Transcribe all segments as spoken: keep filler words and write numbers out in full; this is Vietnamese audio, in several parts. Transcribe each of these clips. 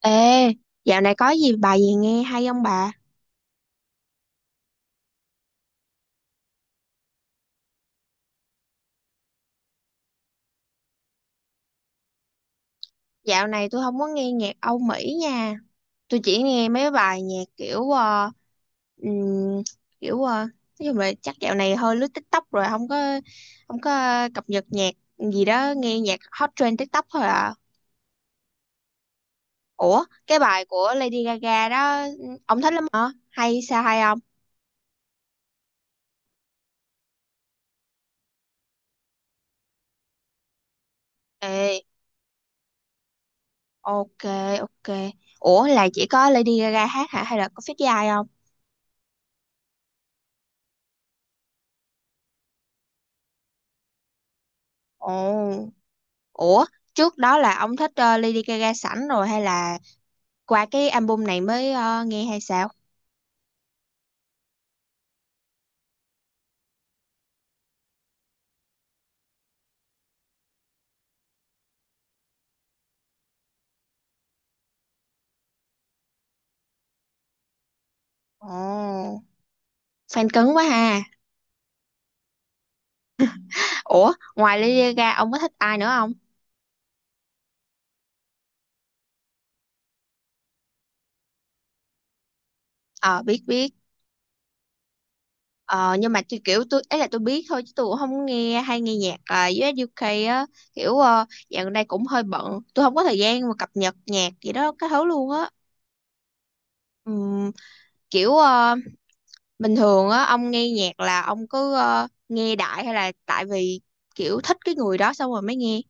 Ê, dạo này có gì bài gì nghe hay không bà? Dạo này tôi không có nghe nhạc Âu Mỹ nha. Tôi chỉ nghe mấy bài nhạc kiểu ờ, ừm, kiểu ờ, nói chung là chắc dạo này hơi lướt TikTok rồi không có không có cập nhật nhạc gì đó, nghe nhạc hot trend TikTok thôi à. Ủa, cái bài của Lady Gaga đó ông thích lắm hả? Hay sao hay không? Ê, ok ok. Ủa là chỉ có Lady Gaga hát hả hay là có feat với ai không? Ồ. Ủa, trước đó là ông thích ờ, Lady Gaga sẵn rồi hay là qua cái album này mới ờ, nghe hay sao? Ồ, fan cứng quá ha. Ủa, ngoài Lady Gaga ông có thích ai nữa không? Ờ, biết biết. Ờ, nhưng mà tôi kiểu tôi ấy là tôi biết thôi chứ tôi cũng không nghe hay nghe nhạc ờ, u ét u kây á kiểu uh, dạo gần đây cũng hơi bận tôi không có thời gian mà cập nhật nhạc gì đó cái thứ luôn á. Ừm, kiểu ờ, Bình thường á ông nghe nhạc là ông cứ ờ, nghe đại hay là tại vì kiểu thích cái người đó xong rồi mới nghe,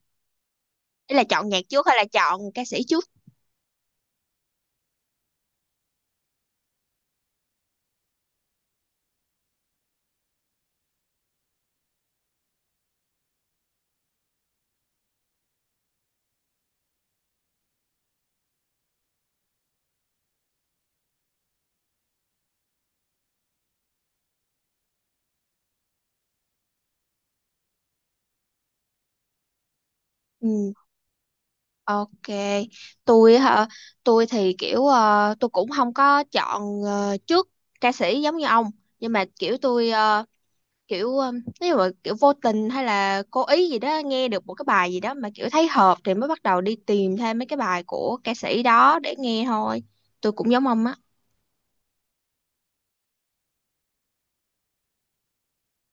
ý là chọn nhạc trước hay là chọn ca sĩ trước? Ừ, ok. Tôi hả? Tôi thì kiểu ờ, tôi cũng không có chọn ờ, trước ca sĩ giống như ông, nhưng mà kiểu tôi ờ, kiểu ờ, nếu mà kiểu vô tình hay là cố ý gì đó nghe được một cái bài gì đó mà kiểu thấy hợp thì mới bắt đầu đi tìm thêm mấy cái bài của ca sĩ đó để nghe thôi. Tôi cũng giống ông á.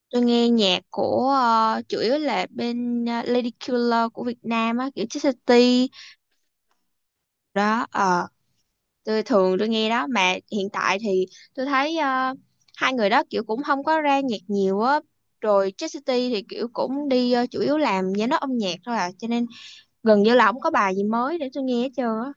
Tôi nghe nhạc của ờ, chủ yếu là bên ờ, Lady Killer của Việt Nam á, kiểu Chit City đó ờ. Tôi thường tôi nghe đó mà hiện tại thì tôi thấy ờ, hai người đó kiểu cũng không có ra nhạc nhiều á, rồi Chastity thì kiểu cũng đi ờ, chủ yếu làm giám đốc âm nhạc thôi à, cho nên gần như là không có bài gì mới để tôi nghe hết trơn á.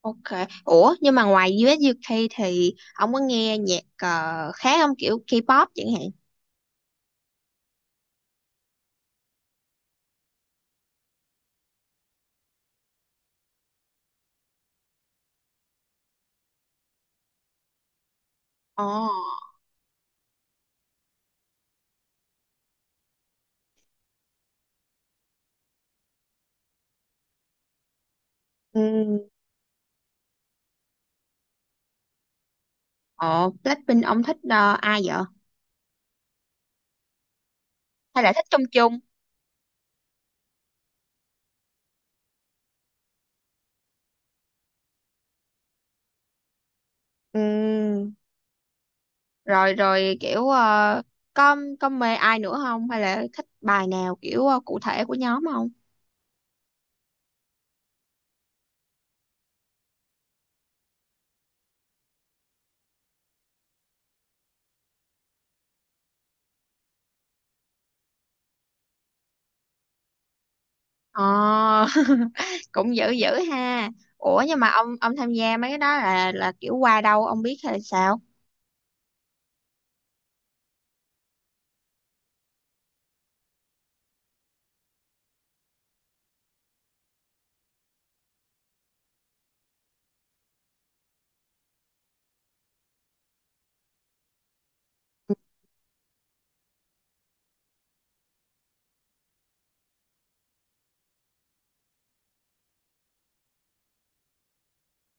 Ok, ủa nhưng mà ngoài u ét u kây thì ông có nghe nhạc ờ, khác không, kiểu K-pop chẳng hạn? Ồ. Ừ. Ồ, Blackpink ông thích ờ, ai vậy, hay là thích chung chung? Ừ, rồi rồi kiểu ờ, có có mê ai nữa không hay là thích bài nào kiểu ờ, cụ thể của nhóm không? Ờ. Cũng dữ dữ ha. Ủa nhưng mà ông ông tham gia mấy cái đó là là kiểu qua đâu ông biết hay là sao?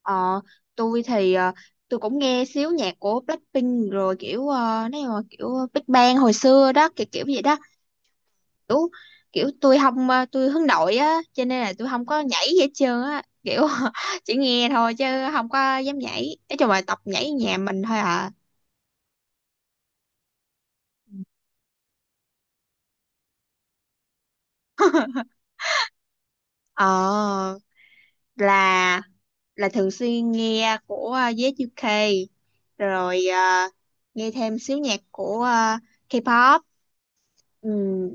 Ờ, tôi thì ờ, tôi cũng nghe xíu nhạc của Blackpink rồi kiểu ờ, nếu mà kiểu Big Bang hồi xưa đó kiểu kiểu vậy đó, kiểu kiểu tôi không ờ, tôi hướng nội á cho nên là tôi không có nhảy gì hết trơn á kiểu chỉ nghe thôi chứ không có dám nhảy, nói chung là tập nhảy nhà mình thôi à. Ờ, là là thường xuyên nghe của ờ, gi u ca rồi ờ, nghe thêm xíu nhạc của ờ, K-pop. Ừm,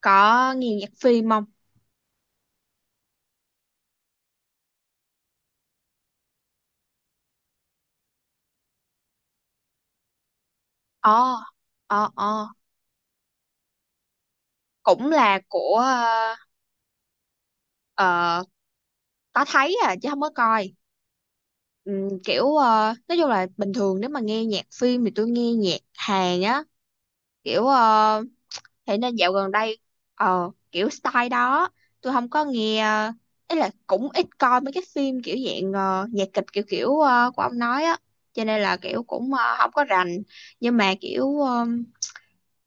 có nghe nhạc phim không? Ờ, ờ ờ. Cũng là của ờ, ờ, có thấy à chứ không có coi. Ừm, kiểu ờ, nói chung là bình thường nếu mà nghe nhạc phim thì tôi nghe nhạc Hàn á, kiểu uh, thế nên dạo gần đây ờ kiểu style đó tôi không có nghe ờ, ý là cũng ít coi mấy cái phim kiểu dạng ờ, nhạc kịch kiểu kiểu ờ, của ông nói á, cho nên là kiểu cũng ờ, không có rành. Nhưng mà kiểu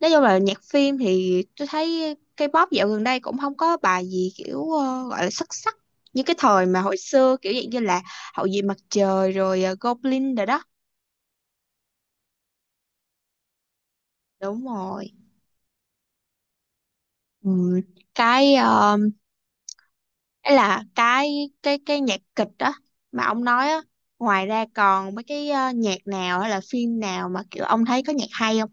nói chung là nhạc phim thì tôi thấy K-pop dạo gần đây cũng không có bài gì kiểu ờ, gọi là xuất sắc như cái thời mà hồi xưa kiểu dạng như là Hậu duệ mặt trời rồi ờ, Goblin rồi đó. Đúng rồi. Ừm, cái ờ, Ấy là cái cái cái nhạc kịch đó mà ông nói á, ngoài ra còn mấy cái ờ, nhạc nào hay là phim nào mà kiểu ông thấy có nhạc hay không?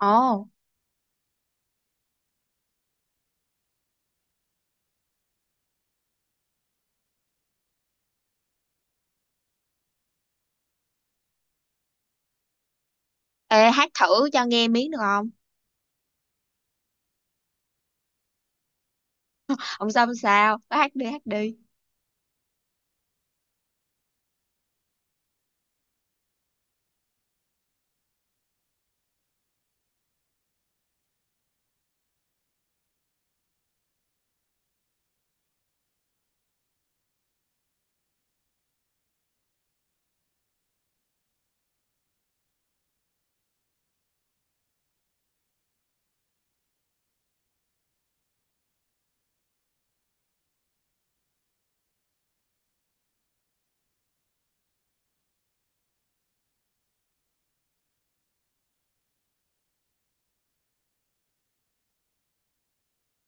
Ồ, ê hát thử cho nghe miếng được không? Ông sao ông sao có hát đi hát đi.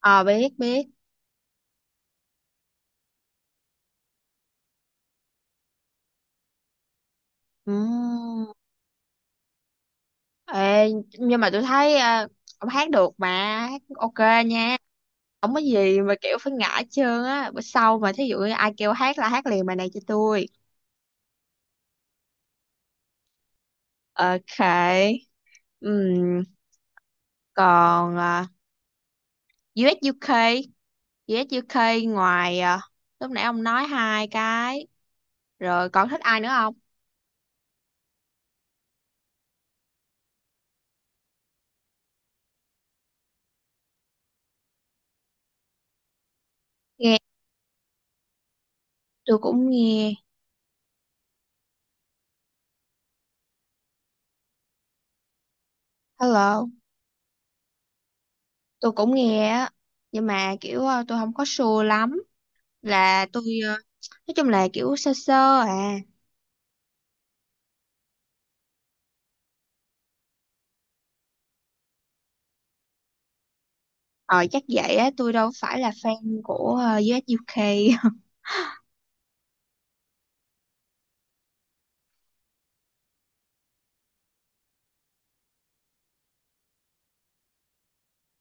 Ờ, biết biết. Ừ. Ê, nhưng mà tôi thấy à, ông hát được mà, hát ok nha, không có gì mà kiểu phải ngã hết trơn á, bữa sau mà thí dụ như ai kêu hát là hát liền bài này cho tôi. Ok. Ừm, còn à, US UK, US UK, ngoài à, lúc nãy ông nói hai cái rồi còn thích ai nữa không? Nghe, tôi cũng nghe, hello, tôi cũng nghe á, nhưng mà kiểu à, tôi không có sure lắm là tôi à, nói chung là kiểu sơ sơ à. Ờ chắc vậy á, tôi đâu phải là fan của ờ, u UK.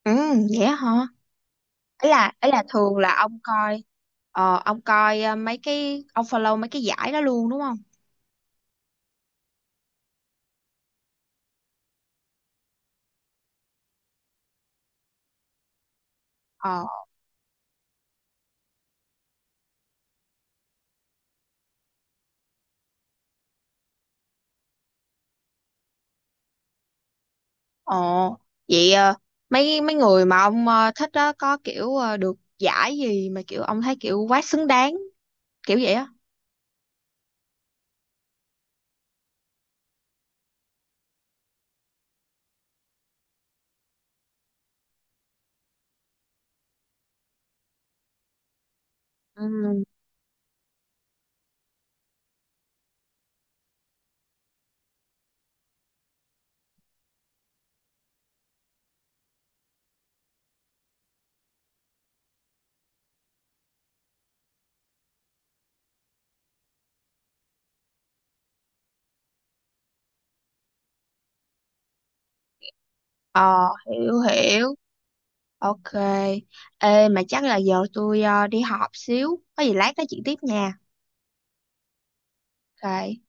Ừ, vậy á hả? Ấy là ấy là thường là ông coi ờ, ông coi ờ, mấy cái ông follow mấy cái giải đó luôn đúng không? Ờ ờ, vậy ờ, mấy mấy người mà ông ờ, thích đó có kiểu ờ, được giải gì mà kiểu ông thấy kiểu quá xứng đáng kiểu vậy á. Ừ. Ờ, hiểu hiểu. Ok. Ê mà chắc là giờ tôi ờ, đi họp xíu, có gì lát nói chuyện tiếp nha. Ok.